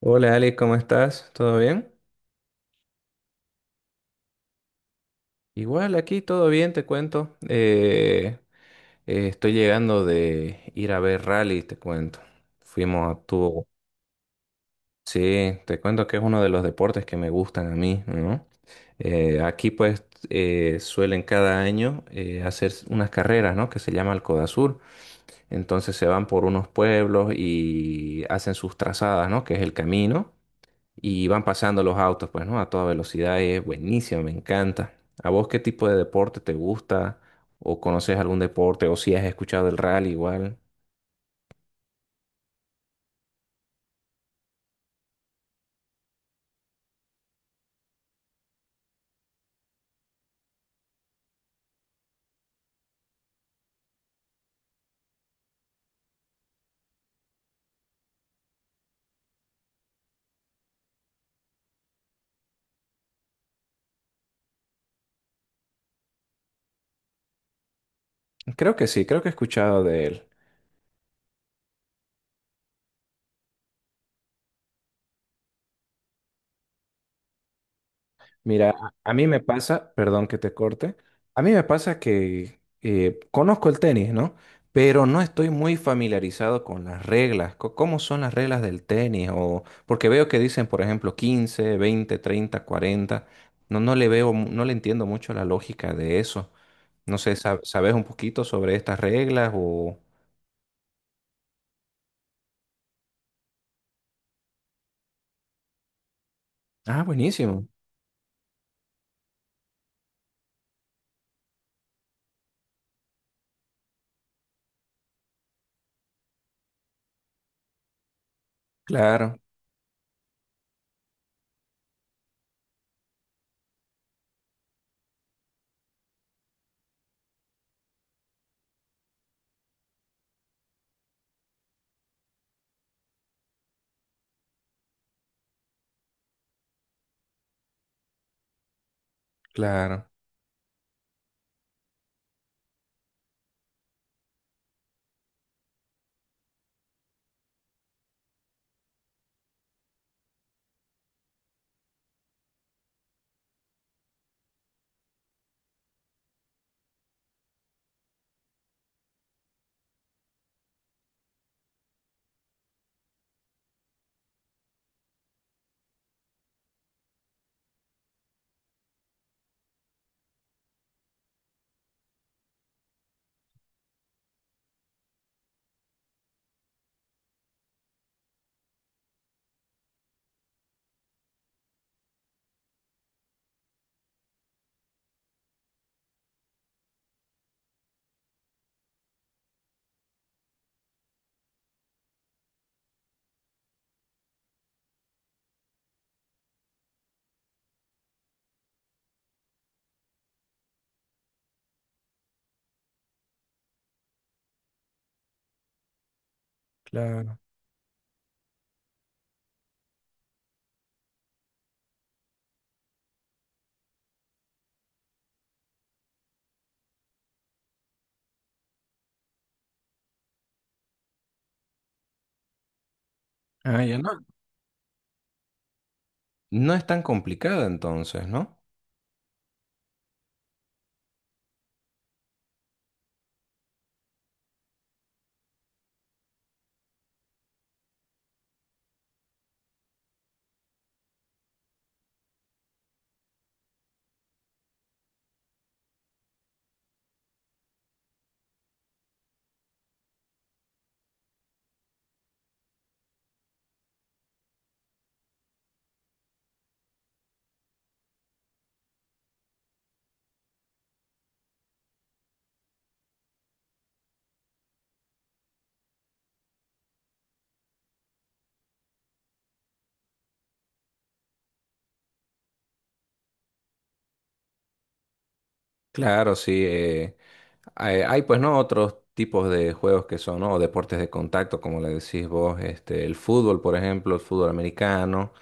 Hola Ali, ¿cómo estás? ¿Todo bien? Igual aquí todo bien, te cuento. Estoy llegando de ir a ver rally, te cuento. Fuimos a tu... Sí, te cuento que es uno de los deportes que me gustan a mí, ¿no? Aquí pues suelen cada año hacer unas carreras, ¿no? Que se llama el Codasur. Entonces se van por unos pueblos y hacen sus trazadas, ¿no? Que es el camino. Y van pasando los autos, pues, ¿no? A toda velocidad, es buenísimo, me encanta. ¿A vos qué tipo de deporte te gusta? ¿O conoces algún deporte? ¿O si has escuchado del rally igual? Creo que sí, creo que he escuchado de él. Mira, a mí me pasa, perdón que te corte, a mí me pasa que conozco el tenis, ¿no? Pero no estoy muy familiarizado con las reglas, cómo son las reglas del tenis, o porque veo que dicen, por ejemplo, 15, 20, 30, cuarenta. No, no le veo, no le entiendo mucho la lógica de eso. No sé, ¿sabes un poquito sobre estas reglas o...? Ah, buenísimo. Claro, claro, claro. Ah, ya no. No es tan complicada entonces, ¿no? Claro, sí. Hay, hay, pues no otros tipos de juegos que son, ¿no? Deportes de contacto, como le decís vos, este, el fútbol, por ejemplo, el fútbol americano.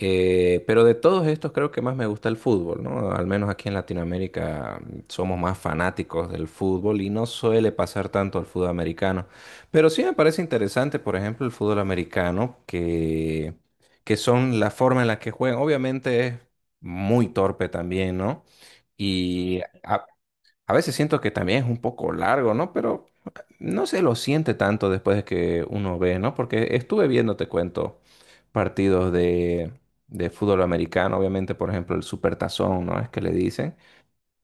Pero de todos estos creo que más me gusta el fútbol, ¿no? Al menos aquí en Latinoamérica somos más fanáticos del fútbol y no suele pasar tanto al fútbol americano. Pero sí me parece interesante, por ejemplo, el fútbol americano, que son la forma en la que juegan. Obviamente es muy torpe también, ¿no? Y a veces siento que también es un poco largo, ¿no? Pero no se lo siente tanto después de que uno ve, ¿no? Porque estuve viendo, te cuento, partidos de, de fútbol americano, obviamente, por ejemplo, el Supertazón, ¿no? Es que le dicen.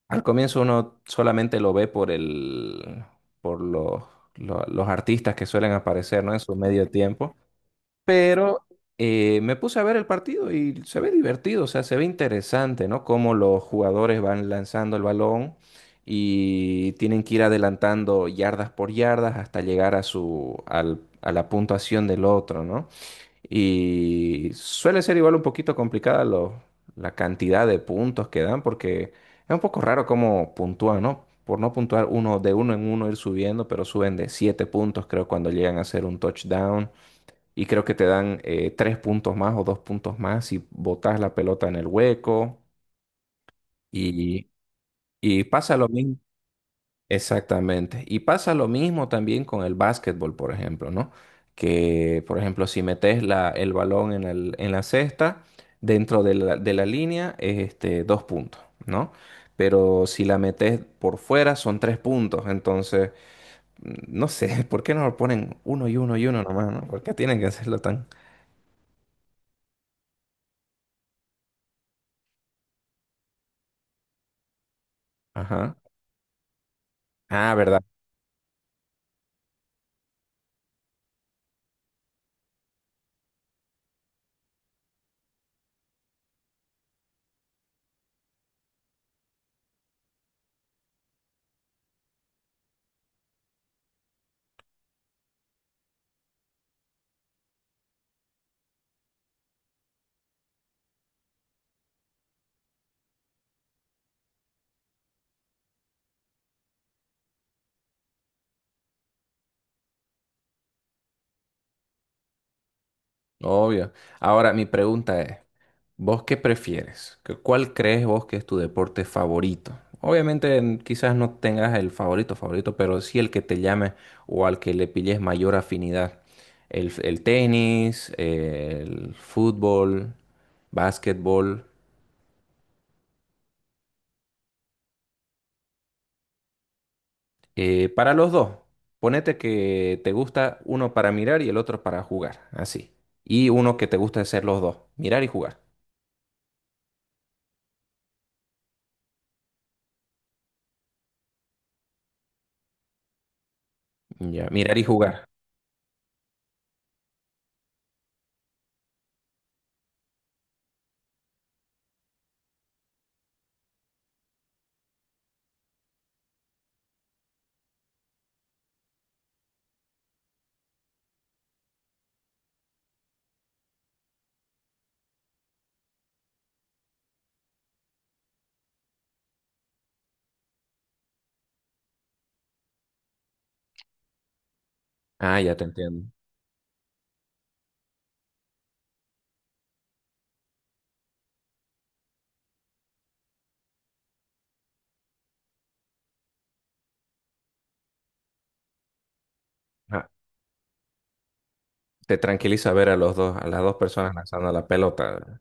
Al comienzo uno solamente lo ve por el, por los, lo- los artistas que suelen aparecer, ¿no? En su medio tiempo pero me puse a ver el partido y se ve divertido, o sea, se ve interesante, ¿no? Cómo los jugadores van lanzando el balón y tienen que ir adelantando yardas por yardas hasta llegar a a la puntuación del otro, ¿no? Y suele ser igual un poquito complicada la cantidad de puntos que dan porque es un poco raro cómo puntúan, ¿no? Por no puntuar uno de uno en uno ir subiendo, pero suben de siete puntos, creo, cuando llegan a hacer un touchdown y creo que te dan tres puntos más o dos puntos más si botas la pelota en el hueco y, y pasa lo mismo. Exactamente. Y pasa lo mismo también con el básquetbol, por ejemplo, ¿no? Que, por ejemplo, si metes el balón en la cesta, dentro de de la línea, es este, dos puntos, ¿no? Pero si la metes por fuera, son tres puntos. Entonces, mm, no sé, ¿por qué no lo ponen uno y uno y uno nomás, ¿no? ¿Por qué tienen que hacerlo tan... Ajá. Ah, ¿verdad? Obvio. Ahora, mi pregunta es, ¿vos qué prefieres? ¿Qué- ¿Cuál crees vos que es tu deporte favorito? Obviamente quizás no tengas el favorito favorito, pero sí el que te llame o al que le pilles mayor afinidad. El tenis, el fútbol, básquetbol. Eh, para los dos, ponete que te gusta uno para mirar y el otro para jugar, así. Y uno que te gusta hacer los dos, mirar y jugar. Ya, mirar y jugar. Ah, ya te entiendo. Te tranquiliza ver a los dos, a las dos personas lanzando la pelota.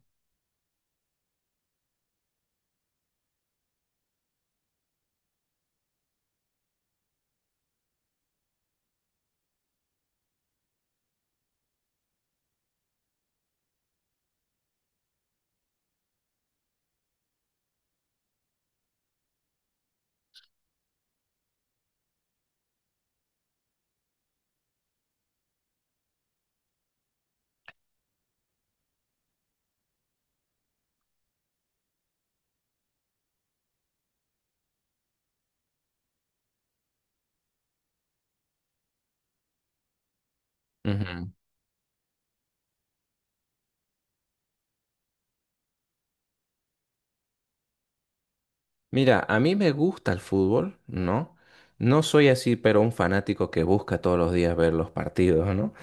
Ujú. Mira, a mí me gusta el fútbol, ¿no? No soy así, pero un fanático que busca todos los días ver los partidos, ¿no?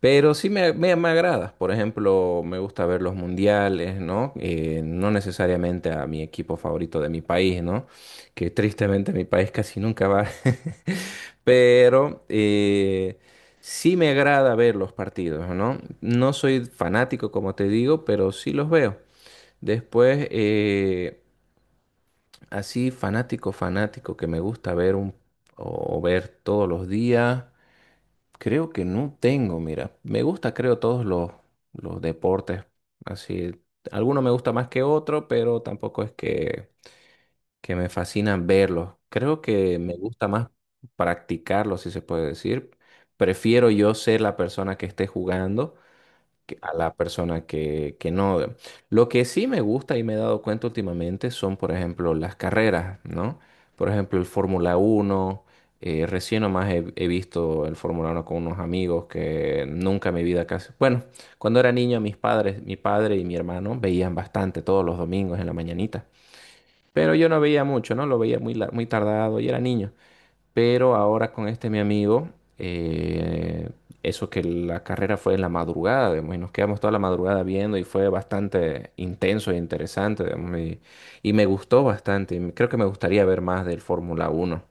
Pero sí me agrada. Por ejemplo, me gusta ver los mundiales, ¿no? No necesariamente a mi equipo favorito de mi país, ¿no? Que tristemente mi país casi nunca va. Pero sí me agrada ver los partidos, ¿no? No soy fanático, como te digo, pero sí los veo. Después, eh, Así fanático, fanático que me gusta ver un o ver todos los días. Creo que no tengo, mira. Me gusta, creo, los deportes. Así, alguno me gusta más que otro, pero tampoco es que me fascina verlos. Creo que me gusta más practicarlos, si se puede decir. Prefiero yo ser la persona que esté jugando a la persona que no. Lo que sí me gusta y me he dado cuenta últimamente son, por ejemplo, las carreras, ¿no? Por ejemplo, el Fórmula uno recién nomás he visto el Fórmula uno con unos amigos que nunca en mi vida casi... Bueno, cuando era niño, mis padres, mi padre y mi hermano veían bastante todos los domingos en la mañanita. Pero yo no veía mucho, ¿no? Lo veía muy, muy tardado y era niño. Pero ahora con este mi amigo, eh, eso que la carrera fue en la madrugada, digamos, y nos quedamos toda la madrugada viendo y fue bastante intenso e interesante, digamos, y me gustó bastante. Y creo que me gustaría ver más del Fórmula Uno.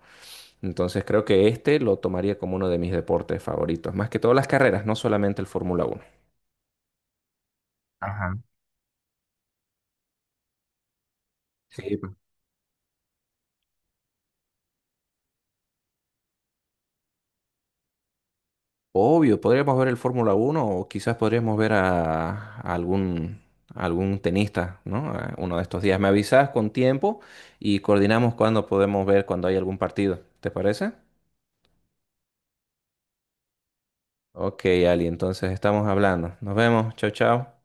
Entonces creo que este lo tomaría como uno de mis deportes favoritos, más que todas las carreras, no solamente el Fórmula Uno. Sí, obvio, podríamos ver el Fórmula uno o quizás podríamos ver a algún, a algún tenista, ¿no? A uno de estos días. Me avisas con tiempo y coordinamos cuando podemos ver cuando hay algún partido. ¿Te parece? Ok, Ali, entonces estamos hablando. Nos vemos. Chao, chao.